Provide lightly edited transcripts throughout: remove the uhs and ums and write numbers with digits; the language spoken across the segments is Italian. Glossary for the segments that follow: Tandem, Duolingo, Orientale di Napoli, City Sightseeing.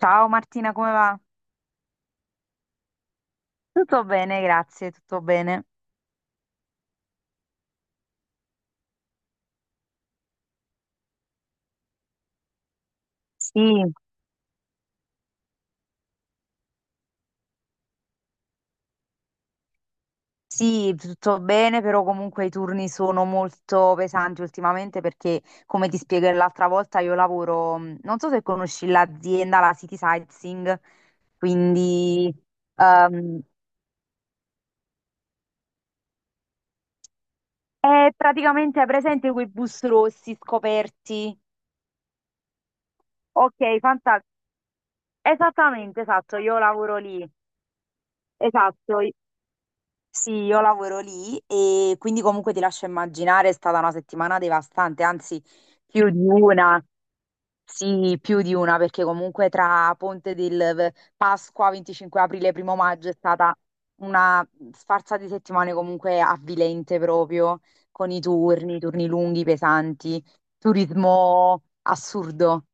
Ciao Martina, come va? Tutto bene, grazie, tutto bene. Sì, sì, tutto bene, però comunque i turni sono molto pesanti ultimamente perché, come ti spiego l'altra volta, io lavoro, non so se conosci l'azienda, la City Sightseeing, quindi ehm, è praticamente, hai presente quei bus rossi scoperti. Ok, fantastico. Esattamente, esatto, io lavoro lì. Esatto, sì, io lavoro lì e quindi comunque ti lascio immaginare, è stata una settimana devastante, anzi più di una, sì, più di una, perché comunque tra Pasqua, 25 aprile, primo maggio è stata una sfarza di settimane comunque avvilente proprio, con i turni, turni lunghi, pesanti, turismo assurdo.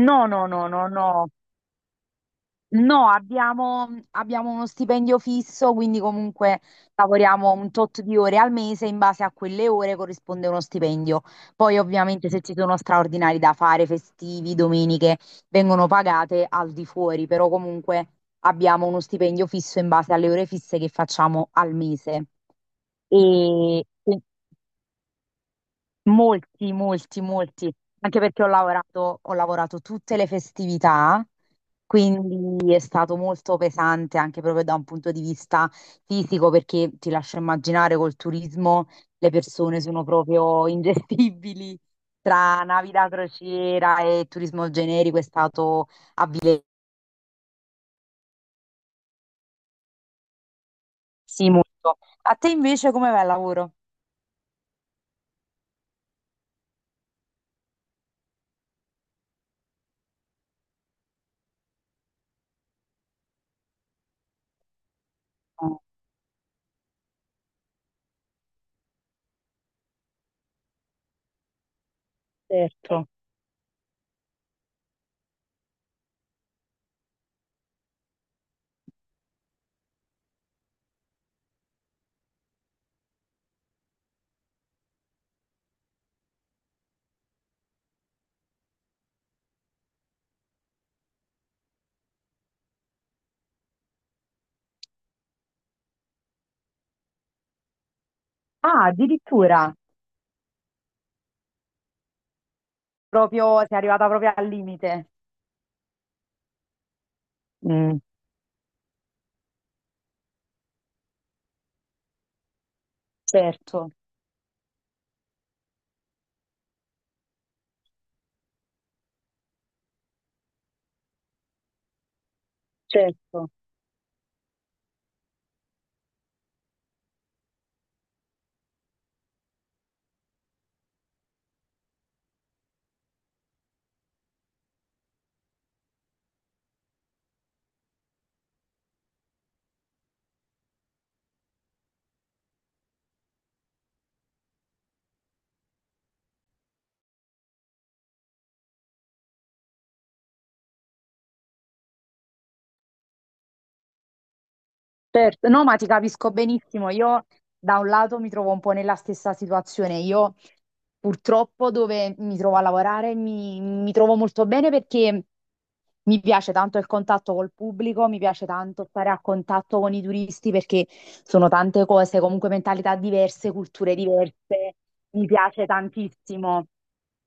No, no, no, no, no. No, abbiamo uno stipendio fisso, quindi comunque lavoriamo un tot di ore al mese, in base a quelle ore corrisponde uno stipendio. Poi ovviamente se ci sono straordinari da fare, festivi, domeniche, vengono pagate al di fuori, però comunque abbiamo uno stipendio fisso in base alle ore fisse che facciamo al mese. E molti, molti, molti, anche perché ho lavorato tutte le festività. Quindi è stato molto pesante anche proprio da un punto di vista fisico, perché ti lascio immaginare col turismo le persone sono proprio ingestibili, tra navi da crociera e turismo generico, è stato sì molto. A te invece come va il lavoro? Ah, certo. Ah, addirittura, proprio sei arrivata proprio al limite. Mm, certo, certo. Certo, no, ma ti capisco benissimo. Io Da un lato mi trovo un po' nella stessa situazione. Io purtroppo dove mi trovo a lavorare mi trovo molto bene perché mi piace tanto il contatto col pubblico, mi piace tanto stare a contatto con i turisti, perché sono tante cose, comunque mentalità diverse, culture diverse. Mi piace tantissimo.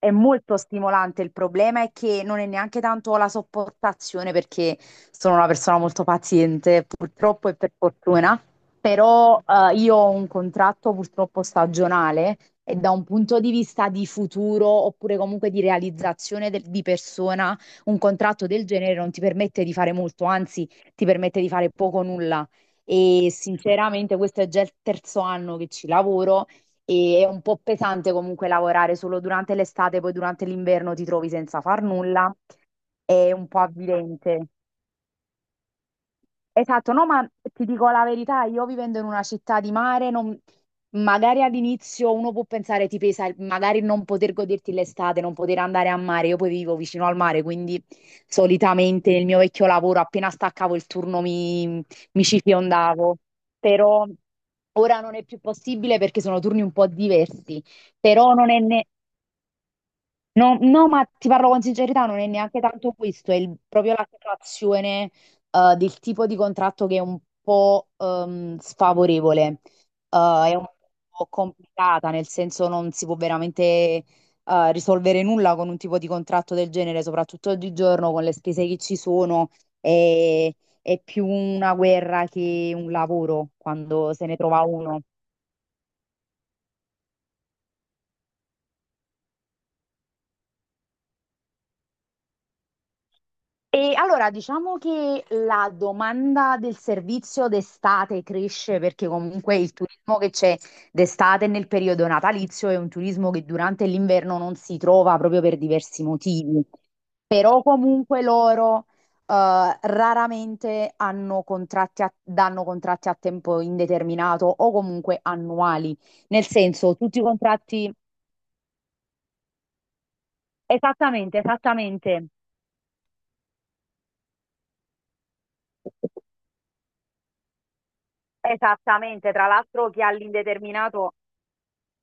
È molto stimolante, il problema è che non è neanche tanto la sopportazione, perché sono una persona molto paziente, purtroppo e per fortuna, però io ho un contratto purtroppo stagionale e da un punto di vista di futuro oppure comunque di realizzazione di persona, un contratto del genere non ti permette di fare molto, anzi ti permette di fare poco o nulla. E sinceramente questo è già il terzo anno che ci lavoro. È un po' pesante comunque lavorare solo durante l'estate, poi durante l'inverno ti trovi senza far nulla. È un po' avvilente. Esatto, no, ma ti dico la verità, io vivendo in una città di mare, magari all'inizio uno può pensare ti pesa magari non poter goderti l'estate, non poter andare a mare. Io poi vivo vicino al mare, quindi solitamente nel mio vecchio lavoro appena staccavo il turno mi ci fiondavo. Però ora non è più possibile perché sono turni un po' diversi, però non è ne- no, no, ma ti parlo con sincerità, non è neanche tanto questo, è proprio la situazione del tipo di contratto che è un po' sfavorevole. È un po' complicata, nel senso non si può veramente risolvere nulla con un tipo di contratto del genere, soprattutto oggigiorno con le spese che ci sono. È, è più una guerra che un lavoro quando se ne trova uno. E allora diciamo che la domanda del servizio d'estate cresce, perché comunque il turismo che c'è d'estate nel periodo natalizio è un turismo che durante l'inverno non si trova proprio per diversi motivi, però comunque loro raramente danno contratti a tempo indeterminato o comunque annuali, nel senso tutti i contratti, esattamente, esattamente. Esattamente, tra l'altro chi ha l'indeterminato,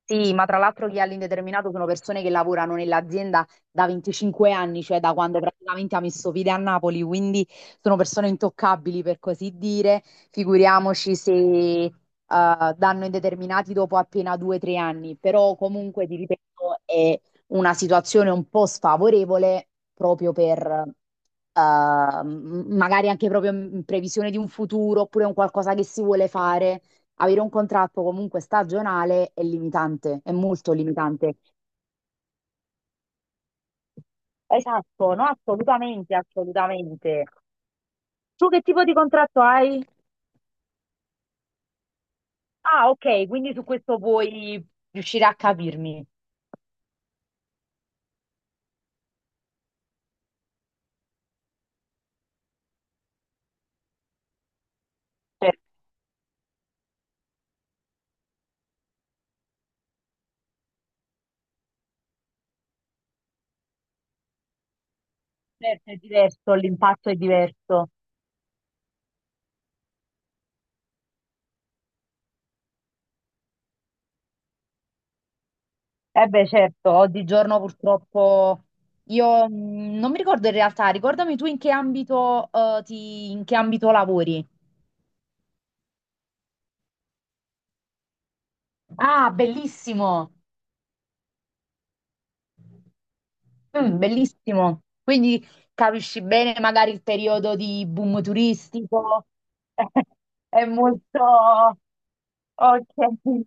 sì, ma tra l'altro chi è all'indeterminato sono persone che lavorano nell'azienda da 25 anni, cioè da quando praticamente ha messo piede a Napoli, quindi sono persone intoccabili, per così dire. Figuriamoci se danno indeterminati dopo appena due o tre anni, però comunque ti ripeto, è una situazione un po' sfavorevole proprio per magari anche proprio in previsione di un futuro oppure un qualcosa che si vuole fare, avere un contratto comunque stagionale è limitante, è molto limitante. Esatto, no, assolutamente, assolutamente. Tu che tipo di contratto hai? Ah, ok, quindi su questo puoi riuscire a capirmi. Certo. Certo, è diverso, l'impatto è diverso. Eh beh, certo, oggigiorno purtroppo io non mi ricordo in realtà, ricordami tu in che ambito, in che ambito lavori. Ah, bellissimo! Mm, bellissimo. Quindi capisci bene magari il periodo di boom turistico. È molto... Ok.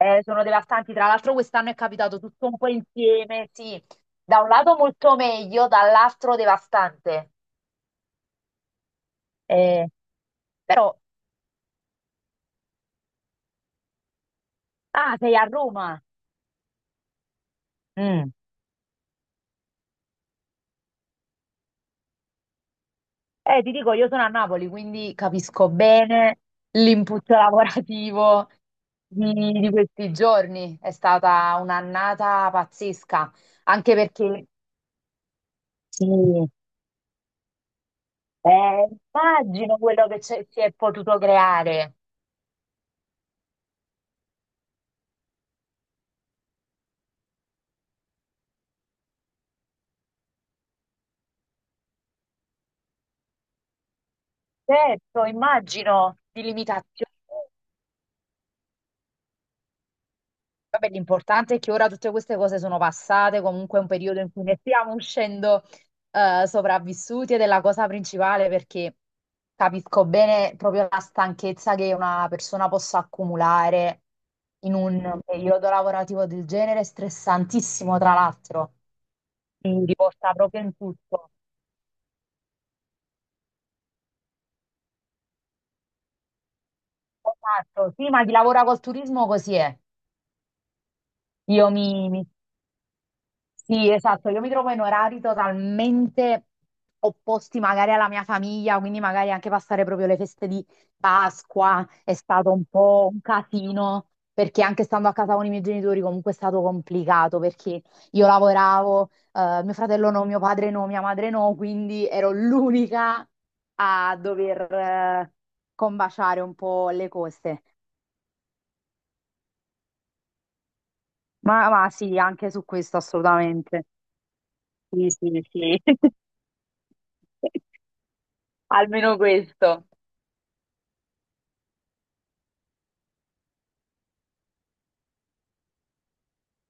Sono devastanti. Tra l'altro quest'anno è capitato tutto un po' insieme, sì. Da un lato molto meglio, dall'altro devastante. Eh, però... Ah, sei a Roma. Mm. Ti dico, io sono a Napoli, quindi capisco bene l'input lavorativo di, di questi giorni. È stata un'annata pazzesca, anche perché sì, immagino quello si è potuto creare. Certo, immagino di limitazioni. Vabbè, l'importante è che ora tutte queste cose sono passate, comunque è un periodo in cui ne stiamo uscendo sopravvissuti, ed è la cosa principale, perché capisco bene proprio la stanchezza che una persona possa accumulare in un periodo lavorativo del genere, stressantissimo tra l'altro, quindi porta proprio in tutto. Esatto, sì, ma chi lavora col turismo così è. Io mi, mi Sì, esatto, io mi trovo in orari totalmente opposti magari alla mia famiglia, quindi magari anche passare proprio le feste di Pasqua è stato un po' un casino, perché anche stando a casa con i miei genitori comunque è stato complicato, perché io lavoravo, mio fratello no, mio padre no, mia madre no, quindi ero l'unica a dover, combaciare un po' le cose. Ma sì, anche su questo assolutamente. Sì, sì, sì. Almeno questo.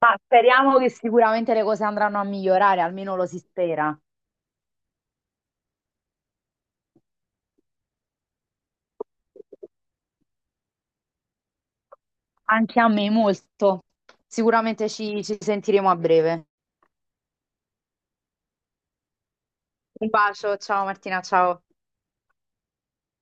Ma speriamo che sicuramente le cose andranno a migliorare, almeno lo si spera. Anche a me molto. Sicuramente ci sentiremo a breve. Un bacio, ciao Martina, ciao.